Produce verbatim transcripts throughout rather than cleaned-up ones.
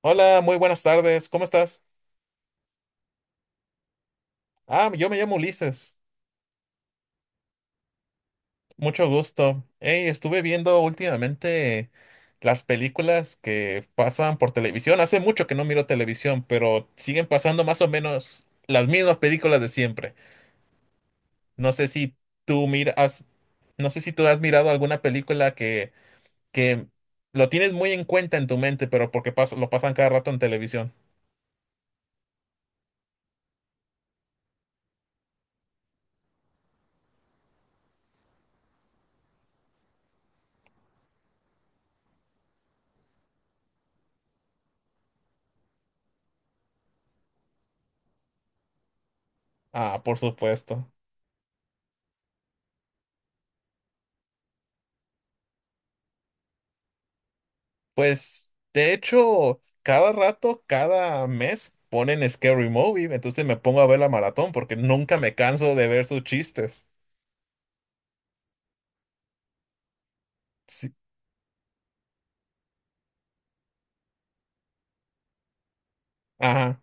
Hola, muy buenas tardes. ¿Cómo estás? Ah, yo me llamo Ulises. Mucho gusto. Hey, estuve viendo últimamente las películas que pasan por televisión. Hace mucho que no miro televisión, pero siguen pasando más o menos las mismas películas de siempre. No sé si tú miras, no sé si tú has mirado alguna película que, que lo tienes muy en cuenta en tu mente, pero porque pasa, lo pasan cada rato en televisión. Ah, por supuesto. Pues, de hecho, cada rato, cada mes ponen Scary Movie, entonces me pongo a ver la maratón porque nunca me canso de ver sus chistes. Sí. Ajá.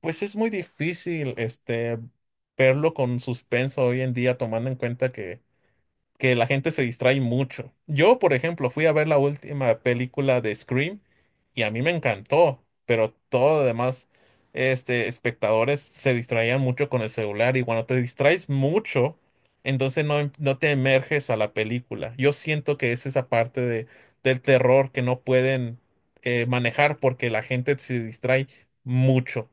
Pues es muy difícil, este, verlo con suspenso hoy en día, tomando en cuenta que que la gente se distrae mucho. Yo, por ejemplo, fui a ver la última película de Scream y a mí me encantó, pero todos los demás este, espectadores se distraían mucho con el celular y cuando te distraes mucho, entonces no, em, no te emerges a la película. Yo siento que es esa parte de, del terror que no pueden eh, manejar porque la gente se distrae mucho.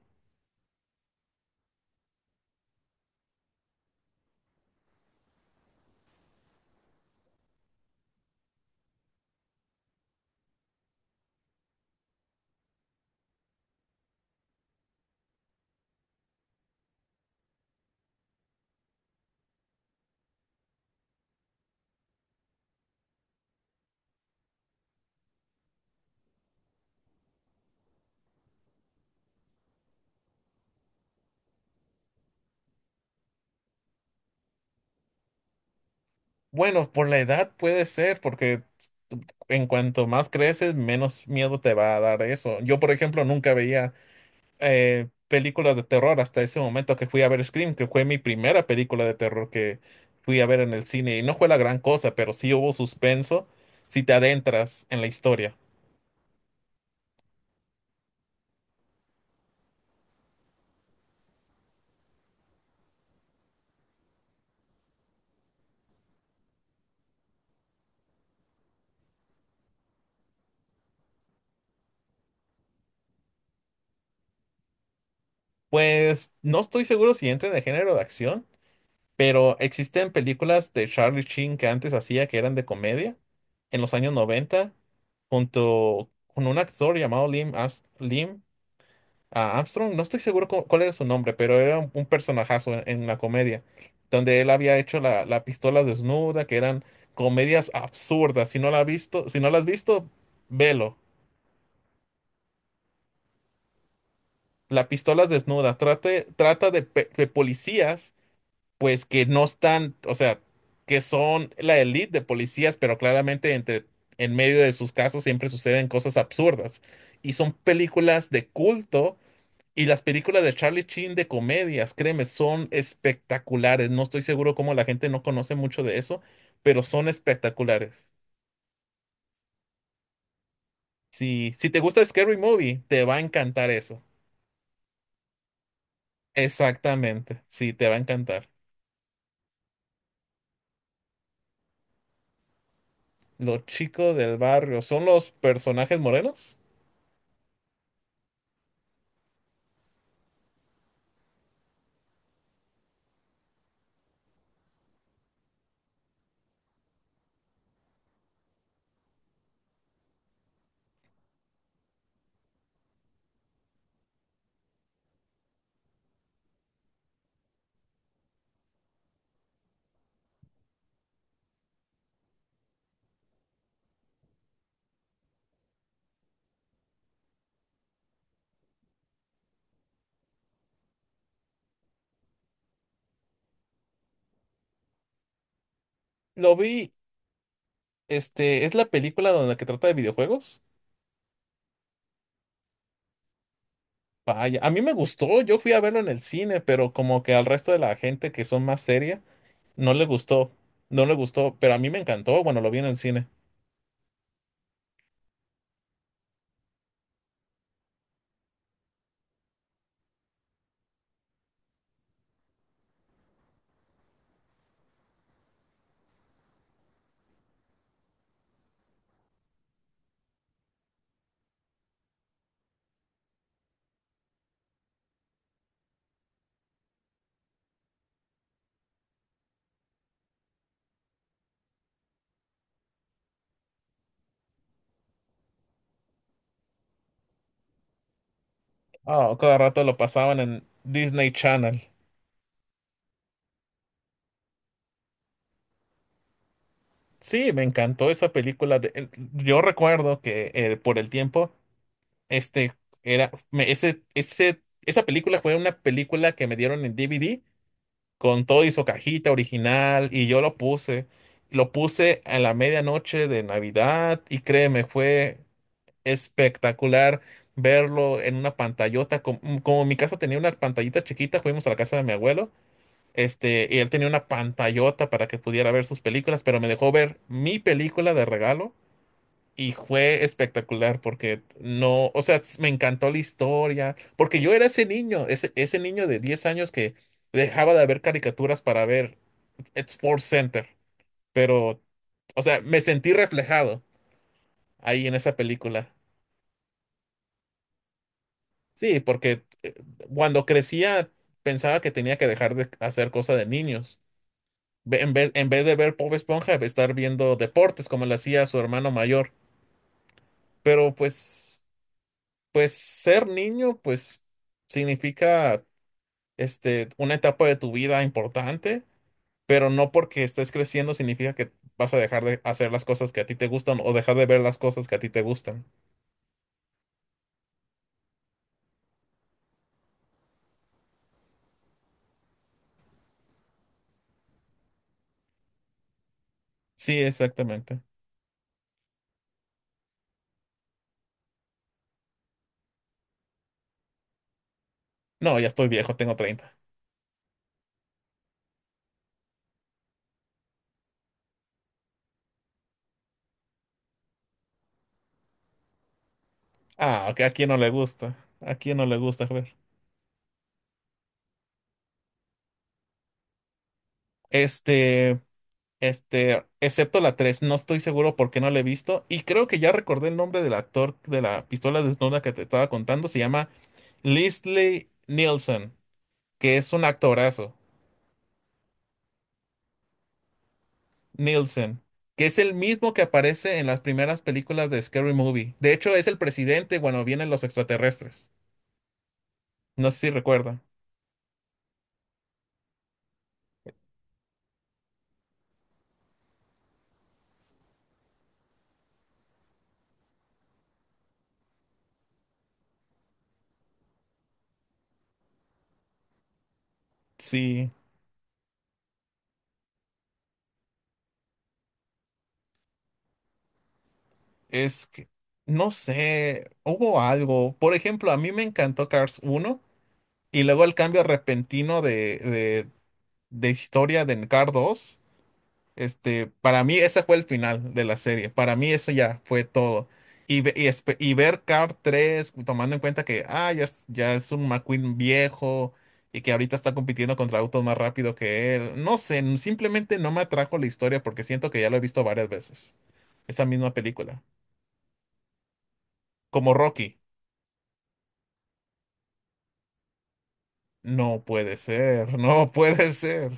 Bueno, por la edad puede ser, porque en cuanto más creces, menos miedo te va a dar eso. Yo, por ejemplo, nunca veía eh, películas de terror hasta ese momento que fui a ver Scream, que fue mi primera película de terror que fui a ver en el cine. Y no fue la gran cosa, pero sí hubo suspenso si te adentras en la historia. Pues no estoy seguro si entra en el género de acción, pero existen películas de Charlie Sheen que antes hacía que eran de comedia en los años noventa junto con un actor llamado Lim, As- Lim a Armstrong, no estoy seguro cu- cuál era su nombre, pero era un, un personajazo en, en la comedia, donde él había hecho la, la pistola desnuda, que eran comedias absurdas. Si no la has visto, si no la has visto, velo. La pistola desnuda trate, trata de, pe- de policías, pues que no están, o sea, que son la elite de policías, pero claramente entre, en medio de sus casos siempre suceden cosas absurdas. Y son películas de culto. Y las películas de Charlie Sheen de comedias, créeme, son espectaculares. No estoy seguro cómo la gente no conoce mucho de eso, pero son espectaculares. Si, si te gusta Scary Movie, te va a encantar eso. Exactamente, sí, te va a encantar. Los chicos del barrio, ¿son los personajes morenos? Lo vi, este, es la película donde que trata de videojuegos. Vaya, a mí me gustó, yo fui a verlo en el cine, pero como que al resto de la gente que son más seria, No le gustó, no le gustó, pero a mí me encantó, bueno, lo vi en el cine. Ah, cada rato lo pasaban en Disney Channel. Sí, me encantó esa película. De- eh, yo recuerdo que eh, por el tiempo, este era, me- ese, ese, esa película fue una película que me dieron en D V D con todo y su cajita original y yo lo puse. Lo puse a la medianoche de Navidad y créeme, fue espectacular verlo en una pantallota. com- mm, Como, mi casa tenía una pantallita chiquita, fuimos a la casa de mi abuelo, este, y él tenía una pantallota para que pudiera ver sus películas, pero me dejó ver mi película de regalo y fue espectacular porque no, o sea, s- me encantó la historia, porque yo era ese niño, ese, ese niño de diez años que dejaba de ver caricaturas para ver Sports Center, pero, o sea, me sentí reflejado ahí en esa película. Sí, porque eh, cuando crecía pensaba que tenía que dejar de hacer cosas de niños. Ve- En vez, en vez de ver Bob Esponja, estar viendo deportes como lo hacía su hermano mayor. Pero pues, pues, ser niño, pues significa este, una etapa de tu vida importante, pero no porque estés creciendo significa que vas a dejar de hacer las cosas que a ti te gustan o dejar de ver las cosas que a ti te gustan. Sí, exactamente. No, ya estoy viejo, tengo treinta. Ah, ok, ¿a quién no le gusta? ¿A quién no le gusta? Este, este, excepto la tres, no estoy seguro por qué no la he visto. Y creo que ya recordé el nombre del actor de la pistola desnuda que te estaba contando. Se llama Leslie Nielsen, que es un actorazo. Nielsen, que es el mismo que aparece en las primeras películas de Scary Movie. De hecho, es el presidente cuando vienen los extraterrestres. No sé si recuerda. Sí, es que no sé, hubo algo. Por ejemplo, a mí me encantó Cars uno. Y luego el cambio repentino de, de de historia de Card dos, este, para mí ese fue el final de la serie. Para mí eso ya fue todo. Y, ve- y, espe- y ver Card tres tomando en cuenta que ah, ya, es- ya es un McQueen viejo y que ahorita está compitiendo contra autos más rápido que él. No sé, n- simplemente no me atrajo la historia porque siento que ya lo he visto varias veces. Esa misma película. Como Rocky. No puede ser, no puede ser.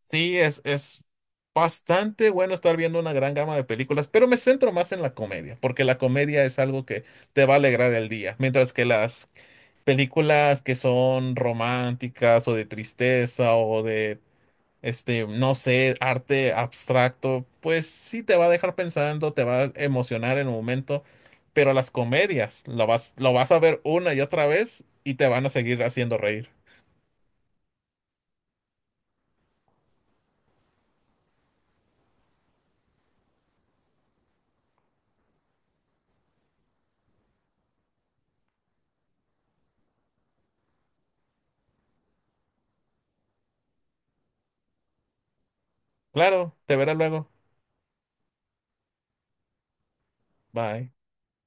Sí, es, es bastante bueno estar viendo una gran gama de películas, pero me centro más en la comedia, porque la comedia es algo que te va a alegrar el día, mientras que las películas que son románticas o de tristeza o de, este, no sé, arte abstracto, pues sí te va a dejar pensando, te va a emocionar en el momento, pero las comedias lo vas, lo vas a ver una y otra vez y te van a seguir haciendo reír. Claro, te verás luego. Bye.